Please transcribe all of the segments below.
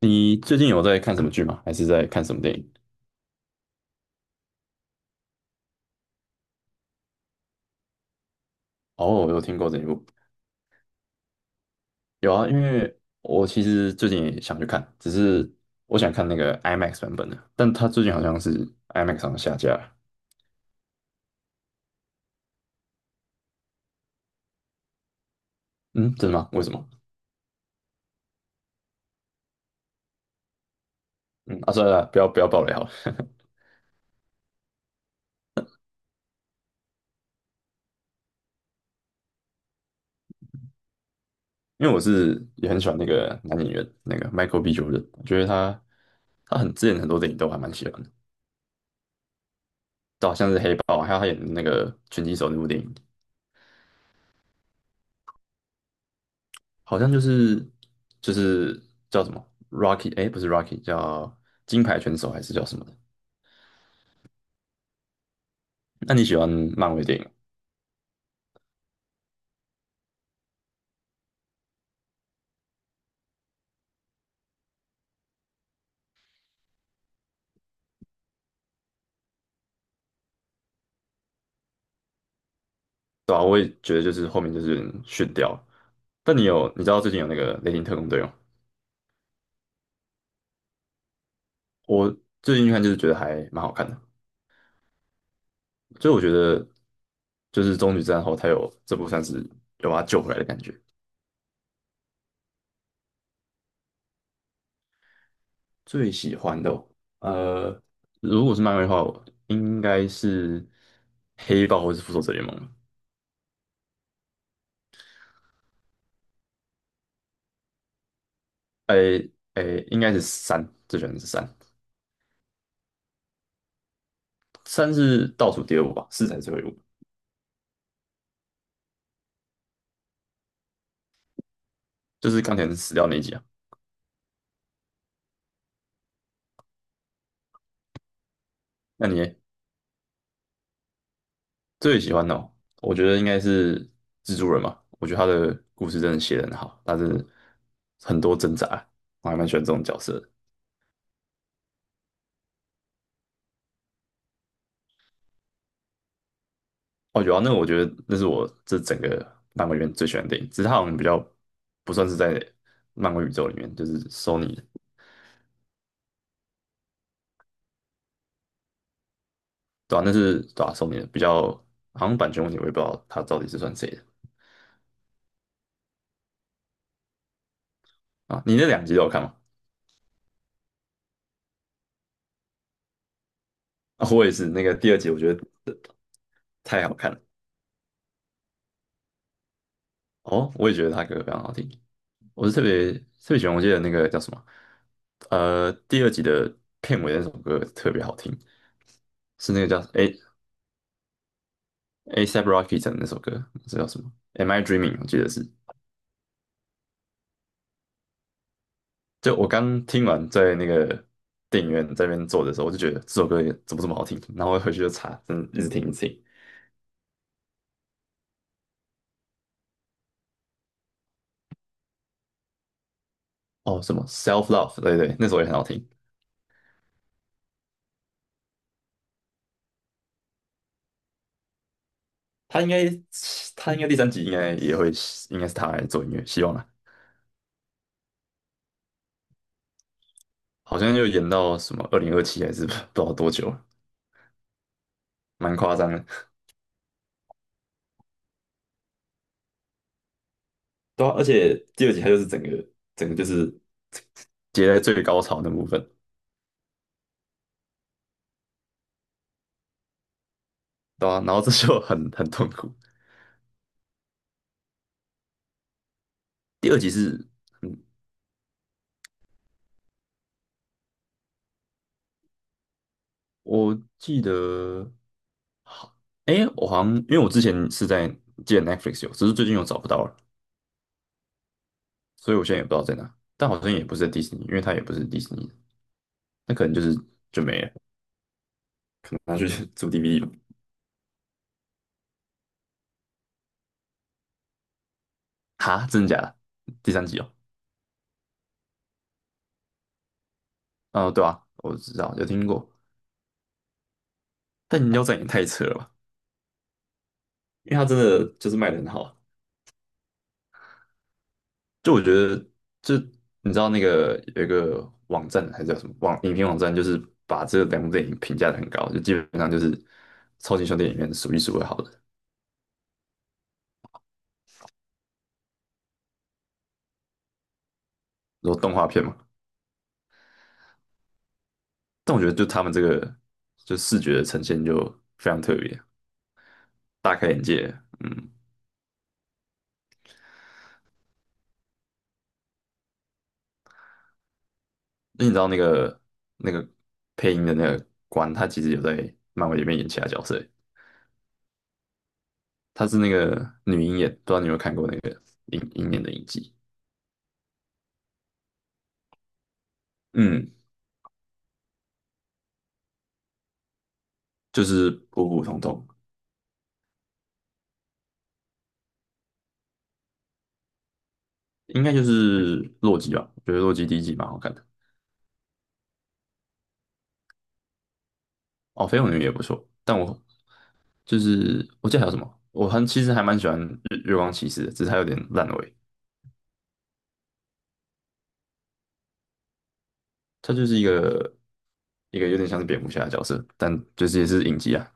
你最近有在看什么剧吗？还是在看什么电影？哦，我有听过这一部，有啊，因为我其实最近也想去看，只是我想看那个 IMAX 版本的，但它最近好像是 IMAX 上下架了。嗯，真的吗？为什么？嗯，啊，算了啦，不要爆雷好了，因为我是也很喜欢那个男演员，那个 Michael B. Jordan，我觉得他很之前很多电影都还蛮喜欢的，就好像是黑豹，还有他演的那个拳击手那部电影，好像就是就是叫什么 Rocky，哎，不是 Rocky，叫金牌拳手还是叫什么的？那你喜欢漫威电影吗对啊，我也觉得就是后面就是有点逊掉了但你知道最近有那个《雷霆特工队》吗？我最近看就是觉得还蛮好看的，就是我觉得就是终局之战后，他有这部算是有把他救回来的感觉。最喜欢的哦呃，如果是漫威的话，我应该是黑豹或是复仇者联盟。诶诶，应该是三，这选的是三，三是倒数第二部吧，四才是最后一部，就是钢铁人死掉那一集啊。那你呢最喜欢的哦？我觉得应该是蜘蛛人嘛，我觉得他的故事真的写得很好，但是很多挣扎，我还蛮喜欢这种角色的哦，有啊，那我觉得那是我这整个漫威里面最喜欢的电影，只是它好像比较不算是在漫威宇宙里面，就是 Sony 的，对啊，那是对啊 SO 的比较，好像版权问题，我也不知道他到底是算谁的啊。你那两集都有看吗？啊，我也是，那个第二集我觉得太好看了。哦，我也觉得他歌非常好听。我是特别特别喜欢，我记得那个叫什么，第二集的片尾那首歌特别好听，是那个叫 ASAP Rocky 的那首歌，这叫什么？Am I Dreaming？我记得是。就我刚听完，在那个电影院这边坐的时候，我就觉得这首歌也怎么这么好听，然后我回去就查，真的一直听一直听。哦，什么 Self Love？对对，那首也很好听。他应该，他应该第三集应该也会，应该是他来做音乐，希望啦。好像又延到什么2027还是 不知道多久了蛮夸张的。对啊，而且第二集它就是整个整个就是接在最高潮那部分，对啊，然后这就很痛苦。第二集是，嗯，我记得好，哎，我好像因为我之前是在记得 Netflix 有，只是最近又找不到了，所以我现在也不知道在哪。但好像也不是在迪士尼，因为它也不是迪士尼，那可能就是就没了，拿去 租 DVD 吧。哈，真的假的？第三集哦，哦，对啊，我知道，有听过。但饮料站也太扯了吧？因为它真的就是卖的很好，就我觉得，就你知道那个有一个网站还是叫什么网影评网站，就是把这两部电影评价的很高，就基本上就是超级兄弟里面数一数二好的，然后动画片嘛。但我觉得就他们这个就视觉的呈现就非常特别，大开眼界。嗯，那你知道那个配音的那个官，他其实有在漫威里面演其他角色欸，他是那个女鹰眼，不知道你有没有看过那个鹰眼的影集？嗯，就是普普通通，应该就是洛基吧。我觉得洛基第一季蛮好看的，哦，绯红女也不错。但我就是我记得还有什么，我很其实还蛮喜欢月光骑士的，只是它有点烂尾。它就是一个有点像是蝙蝠侠的角色，但就是也是影集啊。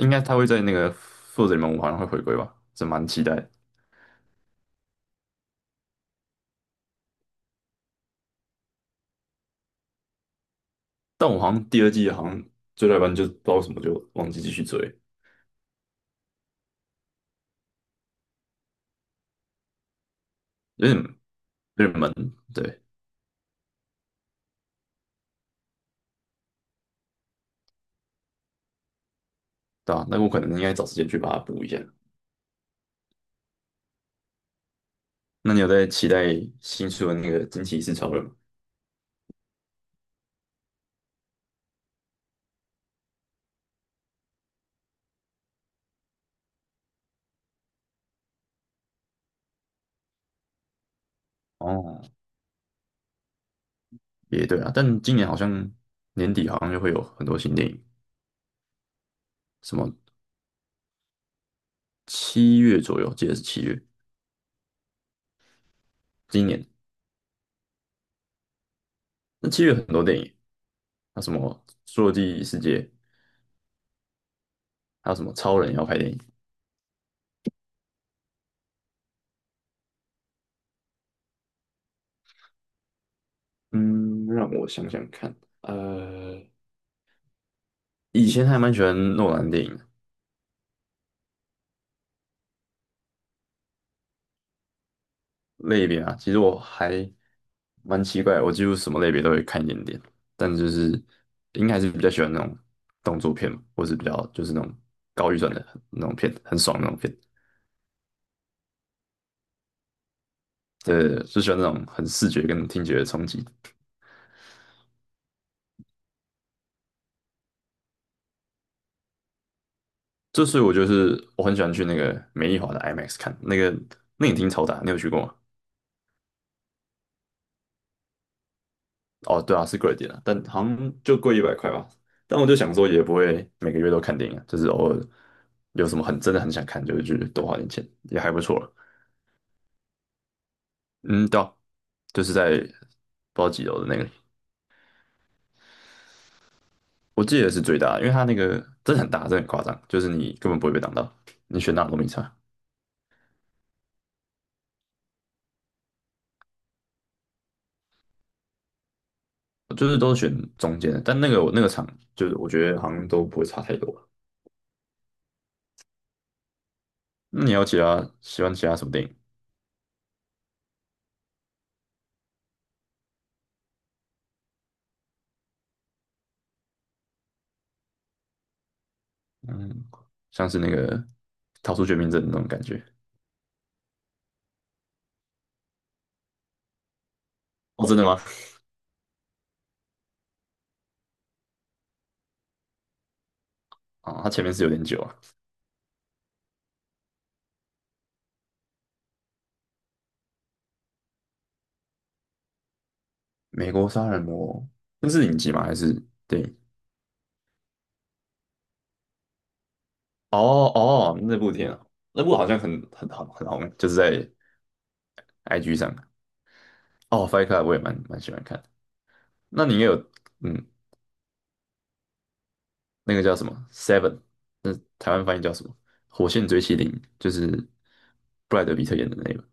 应该它会在那个复仇者联盟5好像会回归吧，这蛮期待的但我好像第二季好像追到一半就不知道为什么就忘记继续追，有点有点闷，对对吧、啊？那我可能应该找时间去把它补一下。那你有在期待新书的那个惊奇四超人吗？哦，也对啊，但今年好像年底好像就会有很多新电影，什么七月左右，记得是七月，今年那七月很多电影，那什么《侏罗纪世界》，还有什么超人要拍电影。嗯，让我想想看，呃，以前还蛮喜欢诺兰电影，类别啊，其实我还蛮奇怪的我几乎什么类别都会看一点点，但就是应该还是比较喜欢那种动作片嘛，或是比较就是那种高预算的那种片，很爽的那种片。对，就喜欢那种很视觉跟听觉的冲击。这所以我就是我很喜欢去那个美丽华的 IMAX 看，那个那影厅超大，你有去过吗？哦，对啊，是贵一点啊，但好像就贵100块吧。但我就想说，也不会每个月都看电影啊，就是偶尔有什么很真的很想看，就会去多花点钱，也还不错啊嗯，对啊就是在不知道几楼的那个里我记得是最大的因为它那个真的很大，真的很夸张，就是你根本不会被挡到，你选哪都没差，就是都选中间的，但那个我那个场就是我觉得好像都不会差太多。那你要其他喜欢其他什么电影？嗯，像是那个《逃出绝命镇》那种感觉。哦，真的吗？啊、它前面是有点久啊。美国杀人魔，那是影集吗？还是电影？哦哦，那部电影啊，那部好像很红，就是在 IG 上。哦，Fight Club 我也蛮喜欢看的。那你也有嗯，那个叫什么 Seven，台湾翻译叫什么？《火线追妻令》，就是布莱德比特演的那个，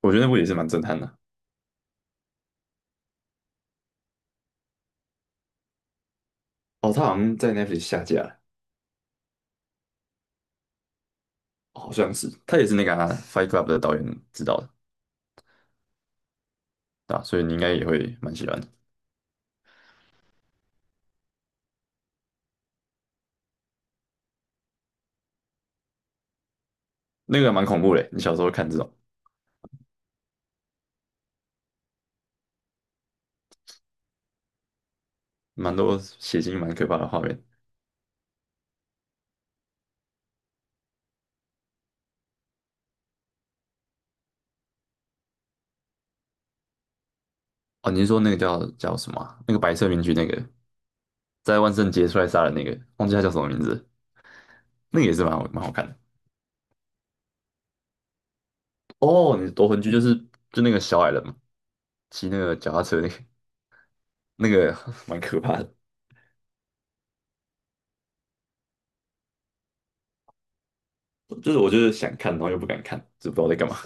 我觉得那部也是蛮震撼的。哦，他好像在 Netflix 下架了，好像是，他也是那个啊 Fight Club 的导演指导的，对吧？所以你应该也会蛮喜欢的。那个蛮恐怖的，你小时候看这种蛮多血腥、蛮可怕的画面。哦，你是说那个叫什么啊那个白色面具，那个在万圣节出来杀人那个，忘记他叫什么名字了那个也是蛮好看的。哦，你是夺魂锯就那个小矮人嘛，骑那个脚踏车那个 蛮可怕的，就是我就是想看，然后又不敢看，就不知道在干嘛。